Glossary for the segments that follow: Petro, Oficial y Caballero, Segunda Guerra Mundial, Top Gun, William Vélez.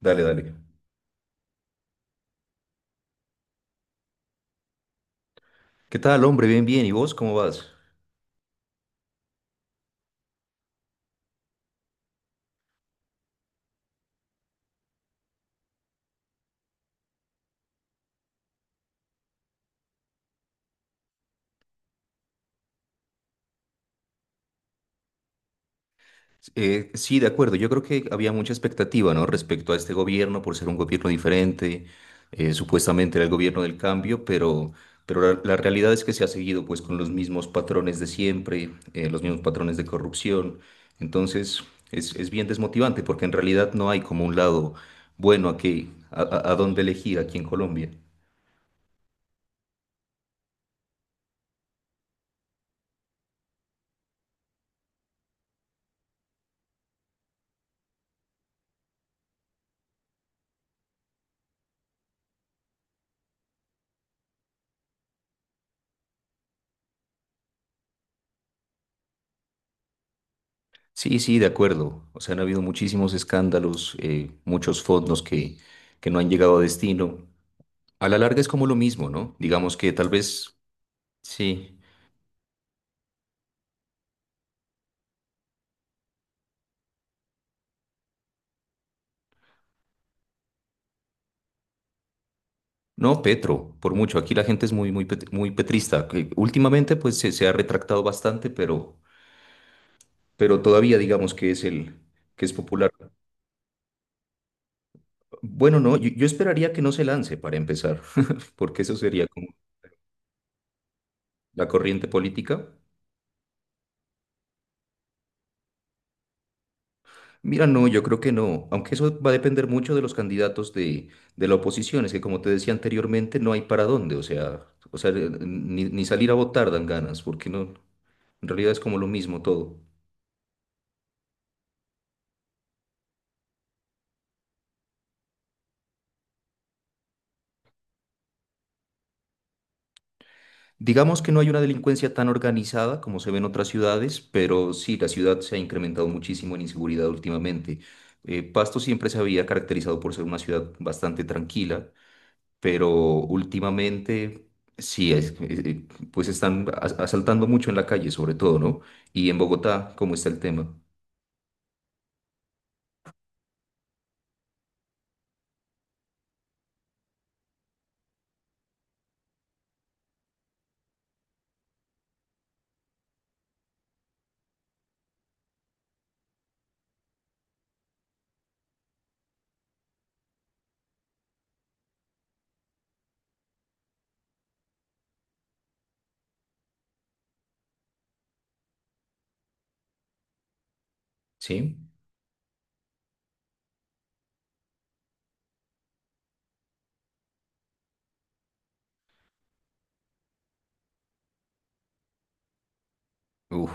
Dale, dale. ¿Qué tal, hombre? Bien, bien. ¿Y vos cómo vas? Sí, de acuerdo. Yo creo que había mucha expectativa, ¿no? Respecto a este gobierno, por ser un gobierno diferente. Supuestamente era el gobierno del cambio, pero la realidad es que se ha seguido, pues, con los mismos patrones de siempre, los mismos patrones de corrupción. Entonces, es bien desmotivante porque en realidad no hay como un lado bueno aquí, a dónde elegir aquí en Colombia. Sí, sí, de acuerdo. O sea, han habido muchísimos escándalos, muchos fondos que no han llegado a destino. A la larga es como lo mismo, ¿no? Digamos que tal vez, sí. No, Petro, por mucho. Aquí la gente es muy, muy, muy petrista, que últimamente, pues, se ha retractado bastante, pero todavía digamos que que es popular. Bueno, no, yo esperaría que no se lance para empezar, porque eso sería como la corriente política. Mira, no, yo creo que no, aunque eso va a depender mucho de los candidatos de la oposición, es que como te decía anteriormente, no hay para dónde, o sea, ni salir a votar dan ganas, porque no, en realidad es como lo mismo todo. Digamos que no hay una delincuencia tan organizada como se ve en otras ciudades, pero sí, la ciudad se ha incrementado muchísimo en inseguridad últimamente. Pasto siempre se había caracterizado por ser una ciudad bastante tranquila, pero últimamente sí, pues están asaltando mucho en la calle, sobre todo, ¿no? Y en Bogotá, ¿cómo está el tema? ¿Sí? Uf.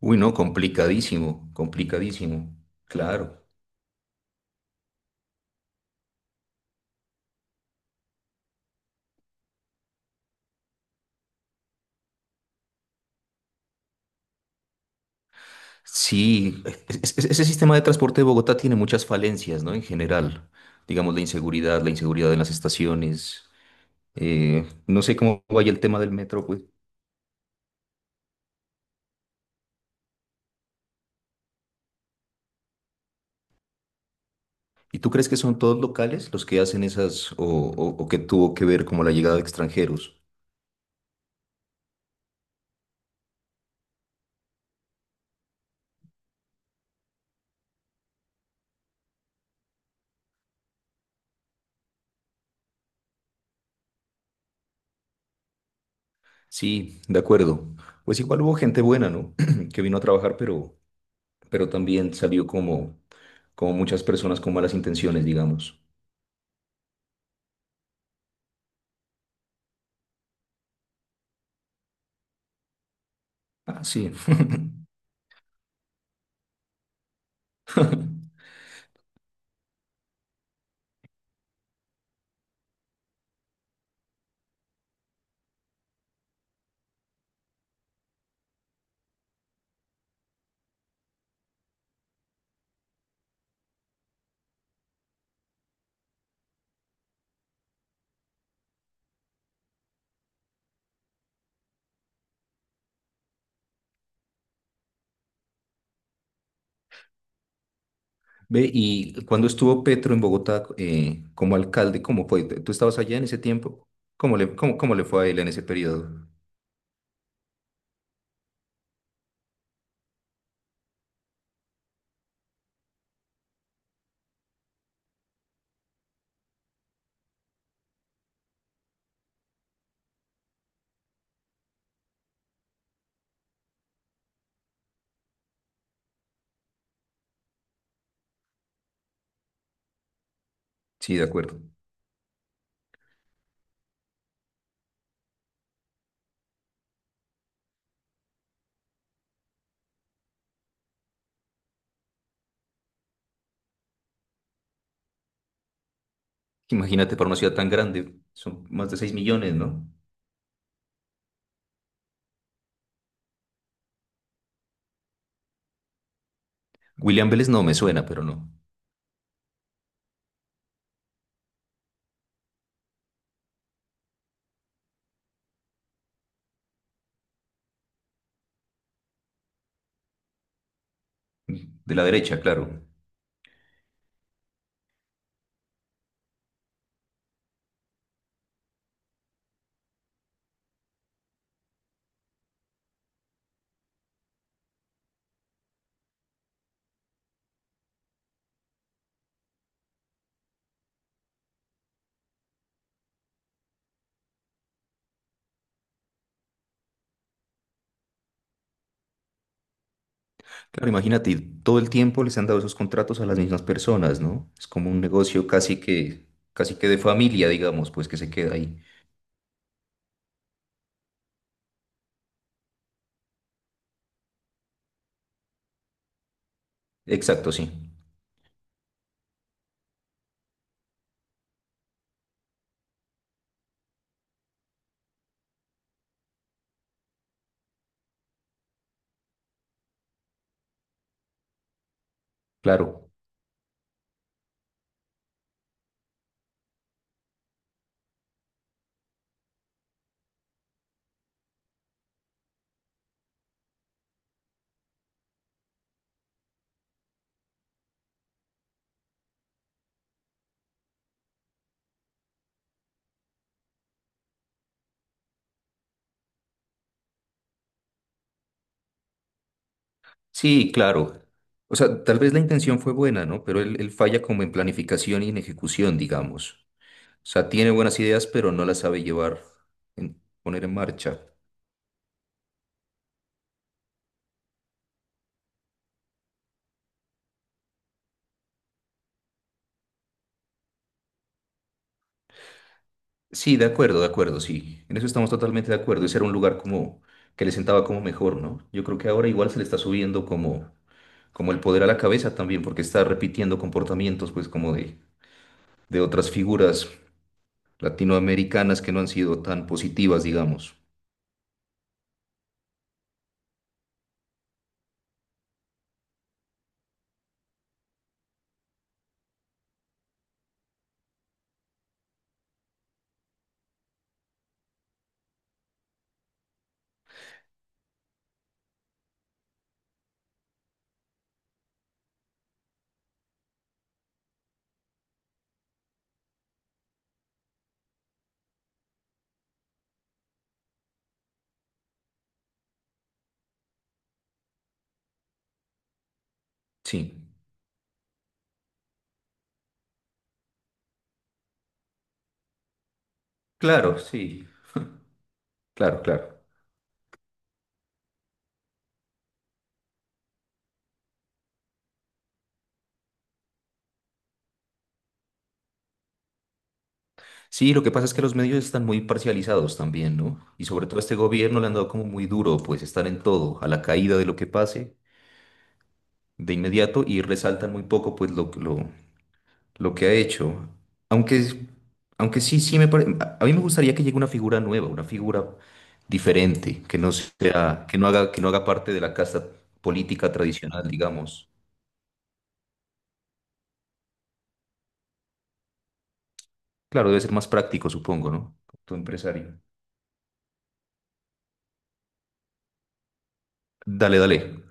Uy, no, complicadísimo, complicadísimo, claro. Sí, ese sistema de transporte de Bogotá tiene muchas falencias, ¿no? En general, digamos la inseguridad en las estaciones, no sé cómo vaya el tema del metro, pues. ¿Y tú crees que son todos locales los que hacen esas o que tuvo que ver como la llegada de extranjeros? Sí, de acuerdo. Pues igual hubo gente buena, ¿no? Que vino a trabajar, pero también salió como, como muchas personas con malas intenciones, digamos. Ah, sí. Ve, y cuando estuvo Petro en Bogotá como alcalde, ¿cómo fue? ¿Tú estabas allá en ese tiempo? Cómo le fue a él en ese periodo? Sí, de acuerdo. Imagínate, para una ciudad tan grande, son más de 6 millones, ¿no? William Vélez no me suena, pero no. De la derecha, claro. Claro, imagínate, y todo el tiempo les han dado esos contratos a las mismas personas, ¿no? Es como un negocio casi que de familia, digamos, pues que se queda ahí. Exacto, sí. Claro. Sí, claro. O sea, tal vez la intención fue buena, ¿no? Pero él falla como en planificación y en ejecución, digamos. O sea, tiene buenas ideas, pero no las sabe llevar, poner en marcha. Sí, de acuerdo, sí. En eso estamos totalmente de acuerdo. Ese era un lugar como que le sentaba como mejor, ¿no? Yo creo que ahora igual se le está subiendo como el poder a la cabeza también, porque está repitiendo comportamientos, pues, de otras figuras latinoamericanas que no han sido tan positivas, digamos. Sí, claro, sí, claro, claro. Sí, lo que pasa es que los medios están muy parcializados también, ¿no? Y sobre todo a este gobierno le han dado como muy duro, pues, estar en todo, a la caída de lo que pase de inmediato y resaltan muy poco, pues, lo que ha hecho. Aunque, aunque sí, sí me parece. A mí me gustaría que llegue una figura nueva, una figura diferente, que no sea, que no haga parte de la casta política tradicional, digamos. Claro, debe ser más práctico, supongo, ¿no? Tu empresario. Dale, dale.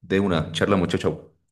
De una, charla, muchacho.